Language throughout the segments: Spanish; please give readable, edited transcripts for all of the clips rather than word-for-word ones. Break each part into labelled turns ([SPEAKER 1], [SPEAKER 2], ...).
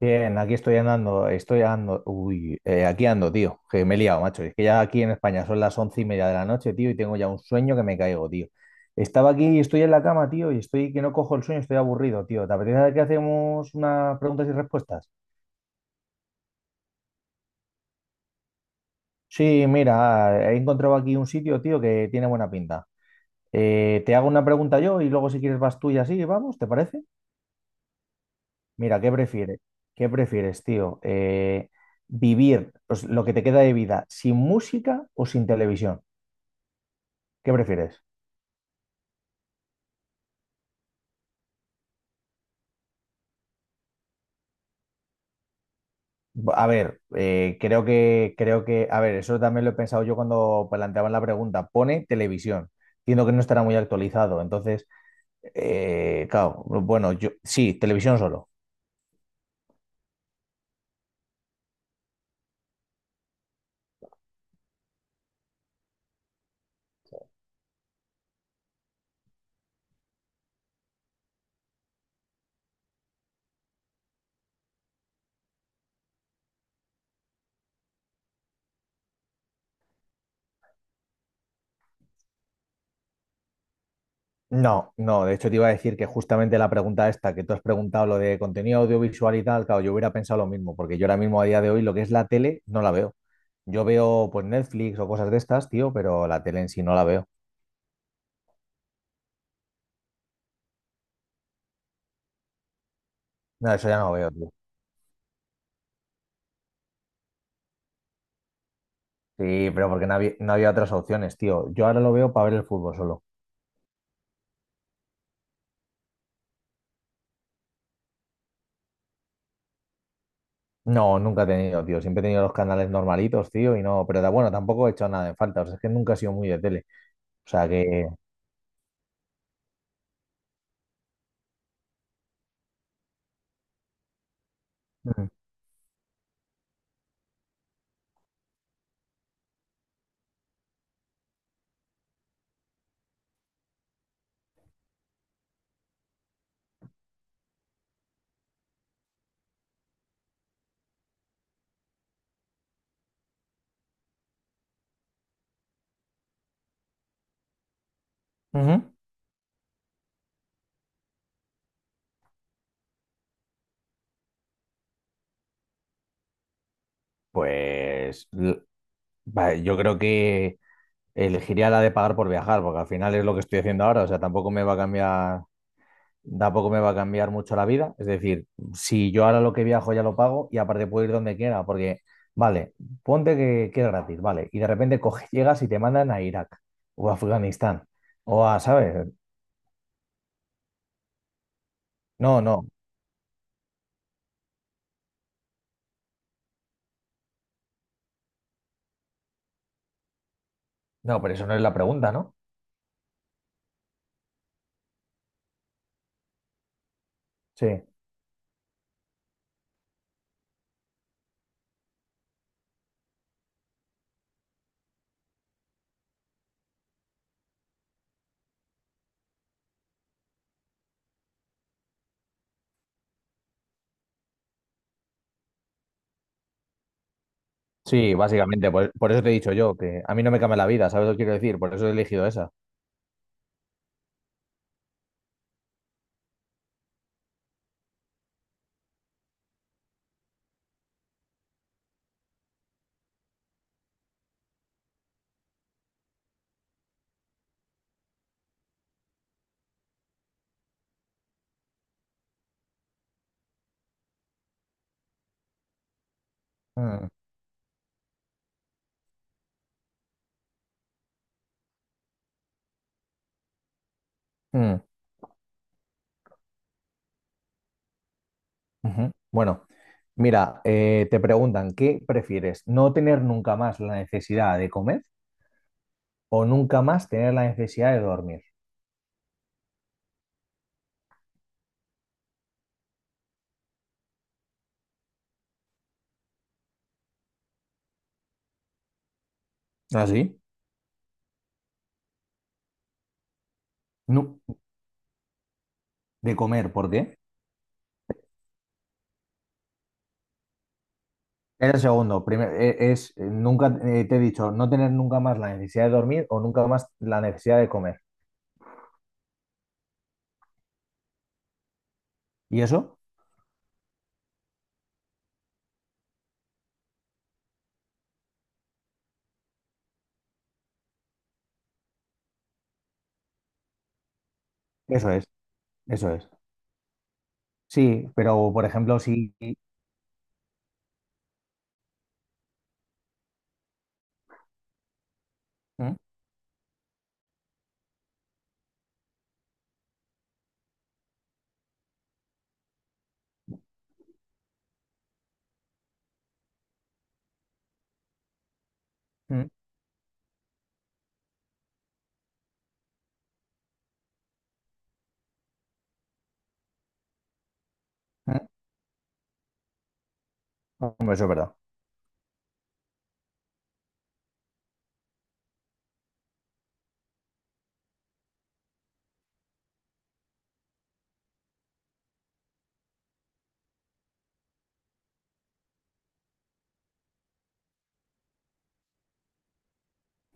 [SPEAKER 1] Bien, aquí estoy andando, uy, aquí ando, tío, que me he liado, macho. Es que ya aquí en España son las once y media de la noche, tío, y tengo ya un sueño que me caigo, tío. Estaba aquí y estoy en la cama, tío, y estoy que no cojo el sueño, estoy aburrido, tío. ¿Te apetece que hacemos unas preguntas y respuestas? Sí, mira, he encontrado aquí un sitio, tío, que tiene buena pinta. Te hago una pregunta yo y luego si quieres vas tú y así, vamos, ¿te parece? Mira, ¿qué prefieres? ¿Qué prefieres, tío? ¿Vivir pues, lo que te queda de vida sin música o sin televisión? ¿Qué prefieres? A ver, creo que, a ver, eso también lo he pensado yo cuando planteaban la pregunta. Pone televisión. Entiendo que no estará muy actualizado. Entonces, claro, bueno, yo sí, televisión solo. No, no, de hecho te iba a decir que justamente la pregunta esta que tú has preguntado, lo de contenido audiovisual y tal, claro, yo hubiera pensado lo mismo, porque yo ahora mismo a día de hoy lo que es la tele no la veo. Yo veo pues Netflix o cosas de estas, tío, pero la tele en sí no la veo. No, eso ya no lo veo, tío. Sí, pero porque no había otras opciones, tío. Yo ahora lo veo para ver el fútbol solo. No, nunca he tenido, tío. Siempre he tenido los canales normalitos, tío, y no, pero da bueno, tampoco he hecho nada en falta. O sea, es que nunca he sido muy de tele. O sea que... Ujú. Ujú. Pues va, yo creo que... elegiría la de pagar por viajar, porque al final es lo que estoy haciendo ahora, o sea, tampoco me va a cambiar, tampoco me va a cambiar mucho la vida, es decir, si yo ahora lo que viajo ya lo pago y aparte puedo ir donde quiera, porque, vale, ponte que es gratis, vale, y de repente coges, llegas y te mandan a Irak o a Afganistán o a, ¿sabes? No, no, no, pero eso no es la pregunta, ¿no? Sí. Sí, básicamente, por eso te he dicho yo, que a mí no me cambia la vida, ¿sabes lo que quiero decir? Por eso he elegido esa. Mm, mm. Ujú. Bueno, mira, te preguntan, ¿qué prefieres? ¿No tener nunca más la necesidad de comer o nunca más tener la necesidad de dormir? ¿Ah, sí? No, de comer, ¿por qué? Es el segundo. Primero, es, nunca te he dicho no tener nunca más la necesidad de dormir o nunca más la necesidad de comer. ¿Y eso? Eso es, eso es. Sí, pero por ejemplo, si... Mm, mm, mm. Hombre, eso es verdad.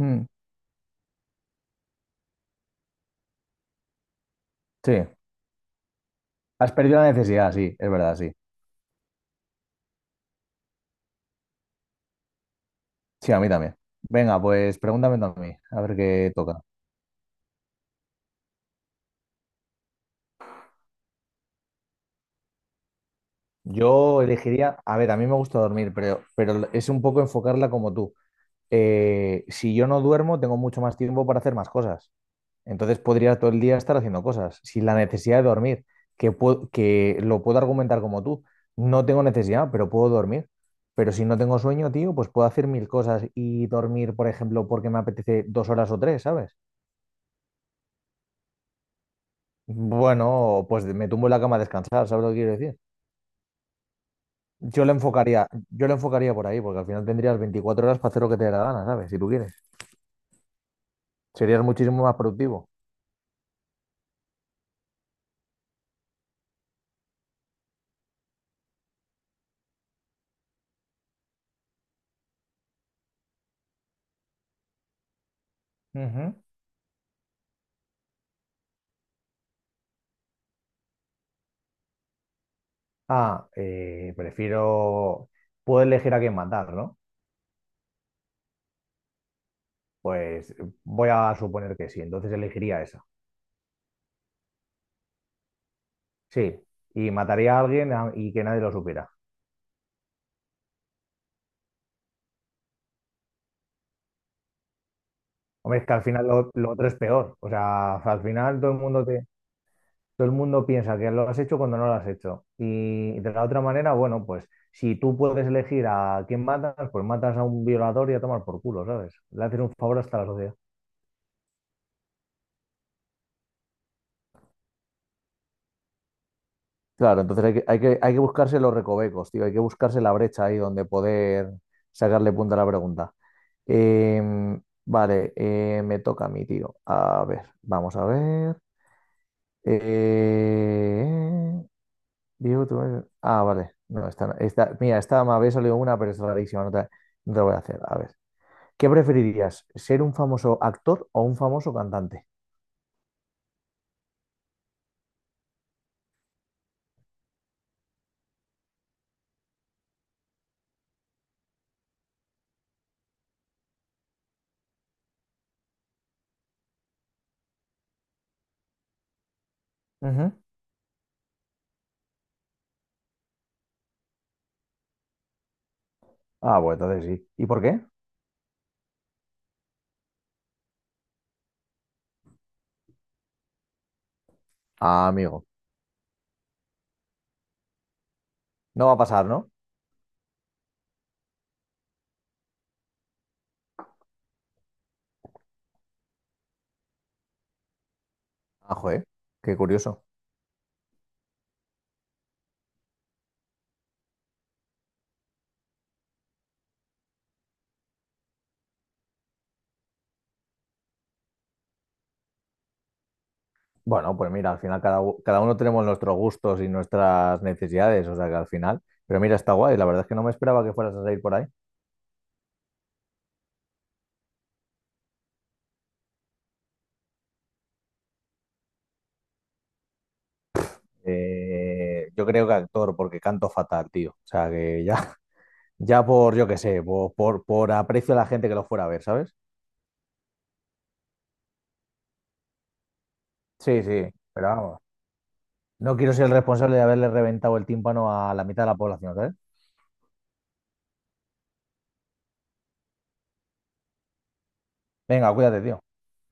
[SPEAKER 1] Mm, sí. Has perdido la necesidad, sí, es verdad, sí. Sí, a mí también. Venga, pues pregúntame tú a mí, a ver qué toca. Yo elegiría, a ver, a mí me gusta dormir, pero es un poco enfocarla como tú. Si yo no duermo, tengo mucho más tiempo para hacer más cosas. Entonces podría todo el día estar haciendo cosas, sin la necesidad de dormir, que, puedo que lo puedo argumentar como tú. No tengo necesidad, pero puedo dormir. Pero si no tengo sueño, tío, pues puedo hacer mil cosas y dormir, por ejemplo, porque me apetece dos horas o tres, ¿sabes? Bueno, pues me tumbo en la cama a descansar, ¿sabes lo que quiero decir? Yo lo enfocaría por ahí, porque al final tendrías 24 horas para hacer lo que te dé la gana, ¿sabes? Si tú quieres. Serías muchísimo más productivo. Ujú. Ah, prefiero... Puedo elegir a quién matar, ¿no? Pues voy a suponer que sí, entonces elegiría esa. Sí, y mataría a alguien y que nadie lo supiera. Hombre, es que al final lo otro es peor. O sea, al final todo el mundo te... Todo el mundo piensa que lo has hecho cuando no lo has hecho. Y de la otra manera, bueno, pues si tú puedes elegir a quién matas, pues matas a un violador y a tomar por culo, ¿sabes? Le haces un favor hasta la sociedad. Claro, entonces hay que buscarse los recovecos, tío, hay que buscarse la brecha ahí donde poder sacarle punta a la pregunta. Em, vale, me toca a mí, tío. A ver, vamos a ver. Eh, Diego, Ah, vale. Mira, esta me había salido una, pero es rarísima. No te voy a hacer. A ver. ¿Qué preferirías? ¿Ser un famoso actor o un famoso cantante? Ujú. Ah, bueno, entonces sí. ¿Y por qué? Ah, amigo. No va a pasar, ¿no? Ah, joder. Qué curioso. Bueno, pues mira, al final cada uno tenemos nuestros gustos y nuestras necesidades, o sea que al final. Pero mira, está guay. La verdad es que no me esperaba que fueras a salir por ahí. Yo creo que actor, porque canto fatal, tío. O sea que ya. Ya por, yo qué sé, por aprecio a la gente que lo fuera a ver, ¿sabes? Sí, sí, pero vamos. No quiero ser el responsable de haberle reventado el tímpano a la mitad de la población, ¿sabes? Venga, cuídate, tío.